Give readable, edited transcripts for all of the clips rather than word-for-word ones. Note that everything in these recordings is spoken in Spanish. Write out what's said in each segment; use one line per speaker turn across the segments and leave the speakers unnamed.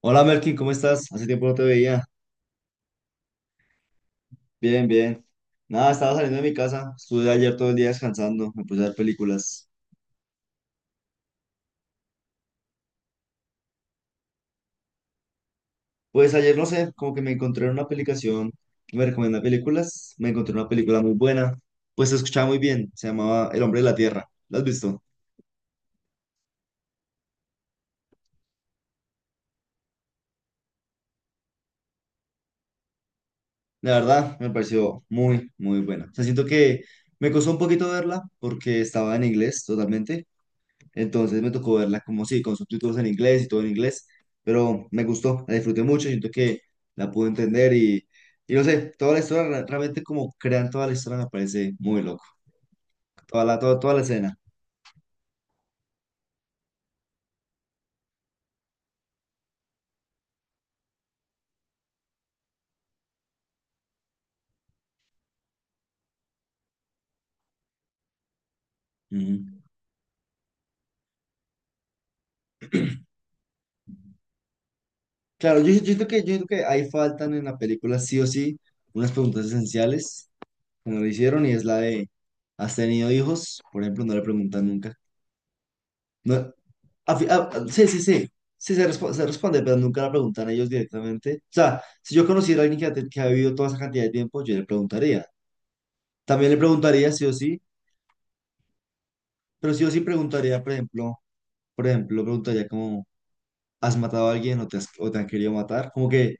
Hola Melkin, ¿cómo estás? Hace tiempo no te veía. Bien, bien. Nada, estaba saliendo de mi casa. Estuve ayer todo el día descansando. Me puse a ver películas. Pues ayer no sé, como que me encontré en una aplicación que me recomienda películas. Me encontré una película muy buena. Pues se escuchaba muy bien. Se llamaba El Hombre de la Tierra. ¿La has visto? La verdad, me pareció muy, muy buena. O sea, siento que me costó un poquito verla porque estaba en inglés totalmente. Entonces me tocó verla como sí, con subtítulos en inglés y todo en inglés, pero me gustó, la disfruté mucho, siento que la pude entender y no sé, toda la historia, realmente como crean toda la historia me parece muy loco, toda la escena. Ujú. Claro, yo siento que ahí faltan en la película sí o sí unas preguntas esenciales que no le hicieron y es la de, ¿has tenido hijos? Por ejemplo, no le preguntan nunca. No, a fi- sí, sí, sí. Sí, se responde, pero nunca la preguntan ellos directamente. O sea, si yo conociera a alguien que ha vivido toda esa cantidad de tiempo, yo le preguntaría. También le preguntaría sí o sí, pero sí o sí preguntaría, por ejemplo, preguntaría como, ¿has matado a alguien o o te han querido matar? Como que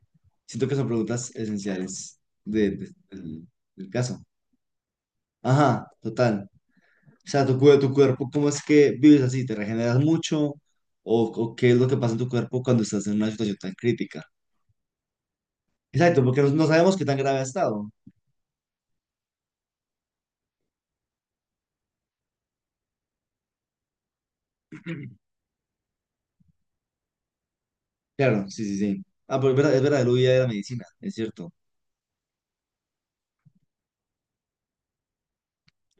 siento que son preguntas esenciales del caso. Ajá, total. O sea, tu cuerpo, ¿cómo es que vives así? ¿Te regeneras mucho? ¿O qué es lo que pasa en tu cuerpo cuando estás en una situación tan crítica? Exacto, porque no, no sabemos qué tan grave ha estado. Claro, sí, sí, sí. Ah, pero es verdad, el huía de la medicina, es cierto.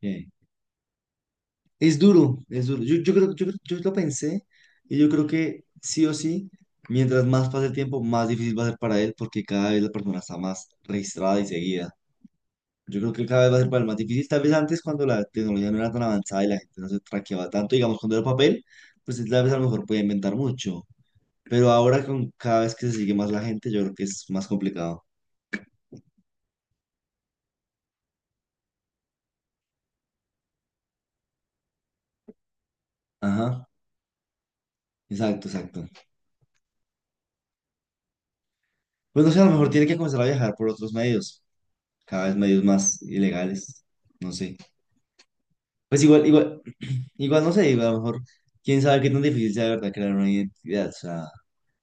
Eh, Es duro, es duro. Yo creo, yo lo pensé y yo creo que sí o sí, mientras más pase el tiempo, más difícil va a ser para él porque cada vez la persona está más registrada y seguida. Yo creo que cada vez va a ser para él más difícil. Tal vez antes cuando la tecnología no era tan avanzada y la gente no se traqueaba tanto, digamos, cuando era papel, pues él tal vez a lo mejor podía inventar mucho. Pero ahora con cada vez que se sigue más la gente, yo creo que es más complicado. Ajá. Exacto, exacto. Pues no sé, a lo mejor tiene que comenzar a viajar por otros medios, cada vez medios más ilegales, no sé. Pues igual no sé, igual a lo mejor, quién sabe qué tan difícil sea de verdad crear una identidad, o sea,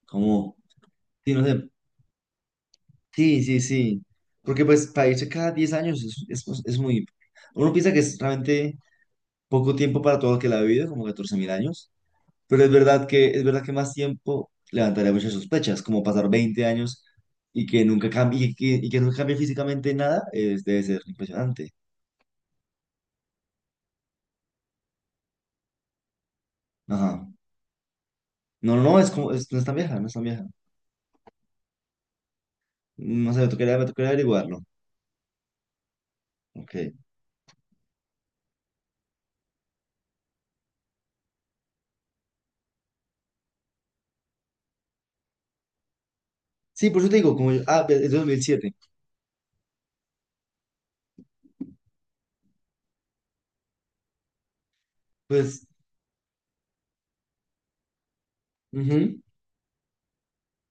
como, sí, no sé, sí, sí, sí. Porque pues para irse cada 10 años es muy, uno piensa que es realmente poco tiempo para todo lo que la ha vivido, como 14.000 años. Pero es verdad que más tiempo levantaría muchas sospechas, como pasar 20 años y que nunca cambie, y que nunca cambie físicamente nada, es, debe ser impresionante. Ajá. No, no, no, es como, no es tan vieja, no es tan vieja. No sé, me tocaría averiguarlo. Ok. Sí, por eso te digo, como es 2007. Pues, ujú.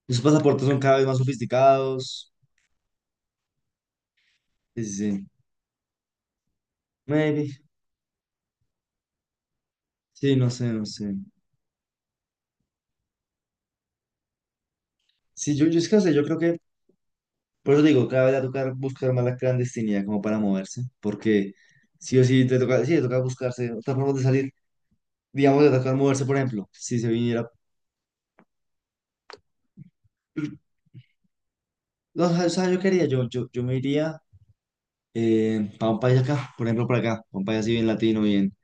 Los pasaportes son cada vez más sofisticados. Sí, sí, sí. Maybe. Sí, no sé, no sé. Sí, yo es que no sé, yo creo que por eso digo, cada vez va a tocar buscar más la clandestinidad como para moverse, porque sí o sí, te toca buscarse otra forma de salir, digamos, de tocar moverse, por ejemplo, si se viniera, no, o sea, yo quería, yo me iría para un país acá, por ejemplo, para acá, pa' un país así bien latino, bien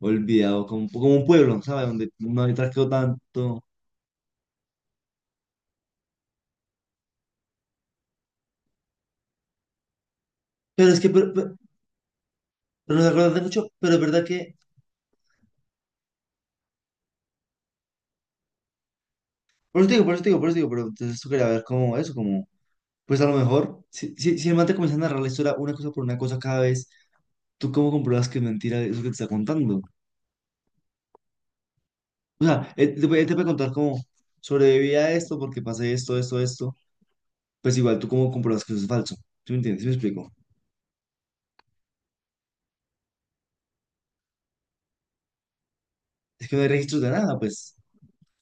olvidado, como, como un pueblo, ¿sabes? Donde no hay tráfico tanto, pero es que, pero nos acordamos de mucho, pero es verdad que, por eso te digo, pero entonces tú quería ver como eso, como, pues a lo mejor, si, si, si el man te comienza a narrar la historia una cosa por una cosa cada vez. ¿Tú cómo compruebas que es mentira eso que te está contando? O sea, puede él te puede contar como sobreviví a esto porque pasé esto, esto, esto. Pues igual, ¿tú cómo compruebas que eso es falso? ¿Sí me entiendes? ¿Sí me explico? Es que no hay registros de nada, pues.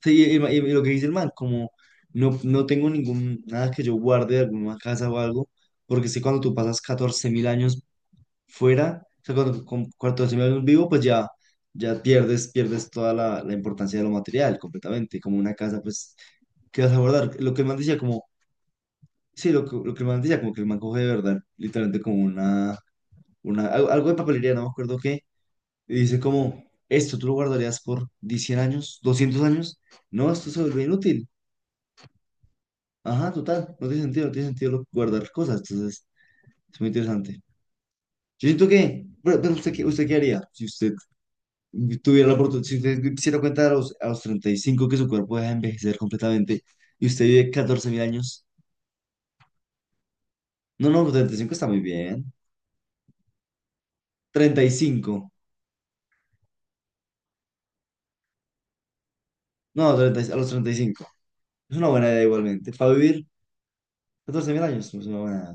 Sí, y lo que dice el man, como no, no tengo ningún, nada que yo guarde de alguna casa o algo, porque sé cuando tú pasas 14.000 años fuera, o sea, cuando con 14.000 años vivo, pues ya, ya pierdes, pierdes toda la importancia de lo material completamente, como una casa, pues, ¿qué vas a guardar? Lo que el man decía. Sí, lo que el man decía, como que el man coge de verdad, literalmente como una, algo de papelería, no me acuerdo qué, y dice como, esto tú lo guardarías por 100 años, 200 años, no, esto se vuelve inútil, ajá, total, no tiene sentido, no tiene sentido guardar cosas, entonces es muy interesante. Yo siento que, pero usted, ¿usted qué haría si usted tuviera la oportunidad, si usted se diera cuenta a los 35 que su cuerpo deja de envejecer completamente y usted vive 14.000 años? No, no, los 35 está muy bien, 35. No, 30, a los 35. Es una buena idea igualmente. Para vivir 14 mil años es una buena edad.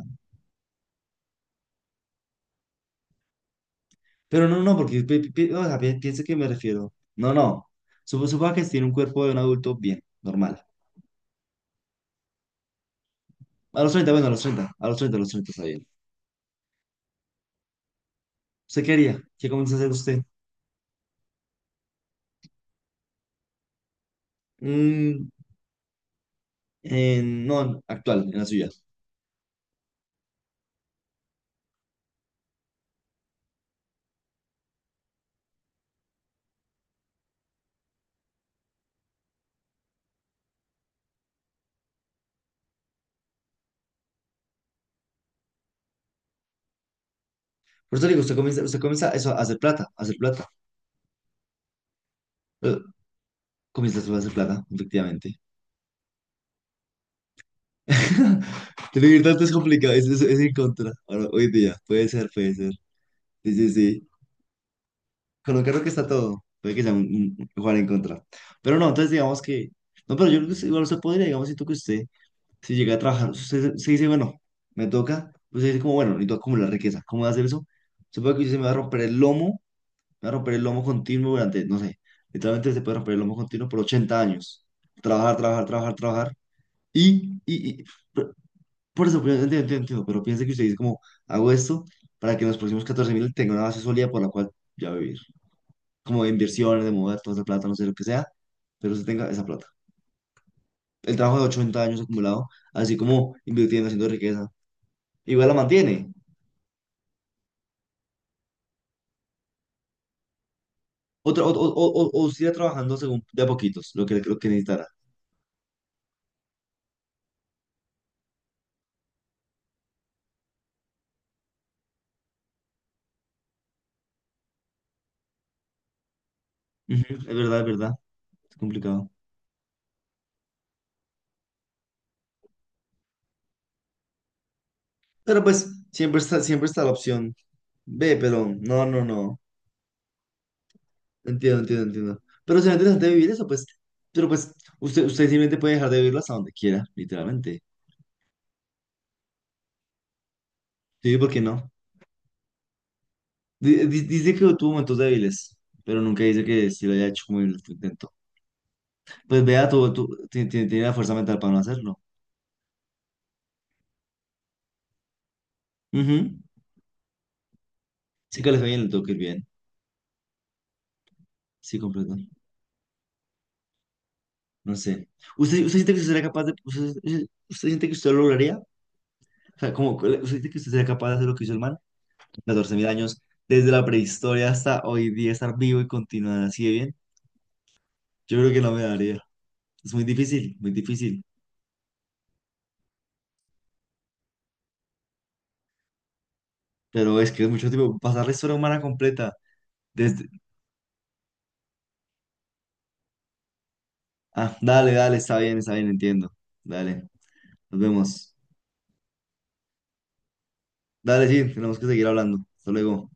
Pero no, no, porque o sea, piensa que me refiero. No, no. Suponga que tiene un cuerpo de un adulto bien, normal. A los treinta, bueno, a los treinta, a los treinta, a los 30 está bien. ¿Usted qué haría? ¿Qué comienza a hacer usted? Mm, no, actual, en la suya. Por eso le digo, usted comienza eso, a hacer plata, a hacer plata. Eh, Comienza a hacer plata, efectivamente. Vivir tanto es complicado, es en contra. Ahora, hoy día, puede ser, puede ser. Sí, sí, sí. Con un carro que está todo. Puede que sea un, un jugar en contra. Pero no, entonces digamos que. No, pero yo creo que igual usted podría, digamos, siento que usted, si llega a trabajar, usted se dice, bueno, me toca. Usted dice, como, bueno, necesito acumular riqueza. ¿Cómo voy a hacer eso? Supongo que usted se me va a romper el lomo, me va a romper el lomo continuo durante, no sé, literalmente se puede romper el lomo continuo por 80 años. Trabajar, trabajar, trabajar, trabajar. Y por por eso, pero entiendo, entiendo, entiendo, pero piense que usted dice, como, hago esto para que en los próximos 14.000 tenga una base sólida por la cual ya vivir como de inversiones, de mover toda esa plata, no sé lo que sea, pero usted tenga esa plata. El trabajo de 80 años acumulado, así como invirtiendo, haciendo riqueza, igual la mantiene. Otra, o siga trabajando según de a poquitos, lo que necesitará. Ujú. Es verdad, es verdad. Es complicado. Pero pues siempre está la opción B, pero no, no, no. Entiendo, entiendo, entiendo. Pero será interesante vivir eso, pues. Pero pues usted simplemente puede dejar de vivirlo hasta donde quiera, literalmente. Sí, ¿por qué no? Dice que tuvo momentos débiles, pero nunca dice que si lo haya hecho como el intento. Pues vea, tuvo, tu- ti- ti- tiene la fuerza mental para no hacerlo. Ujú. Sí que le fue bien, le tuvo que ir bien. Sí, completo. No sé. ¿Usted siente que usted sería capaz de... Usted siente que usted lo lograría? O sea, como, ¿usted siente que usted sería capaz de hacer lo que hizo el man? 14.000 años, desde la prehistoria hasta hoy día, estar vivo y continuar así de bien. Yo creo que no me daría. Es muy difícil, muy difícil. Pero es que es mucho tiempo. Pasar la historia humana completa. Ah, dale, dale, está bien, entiendo. Dale, nos vemos. Dale, sí, tenemos que seguir hablando. Hasta luego.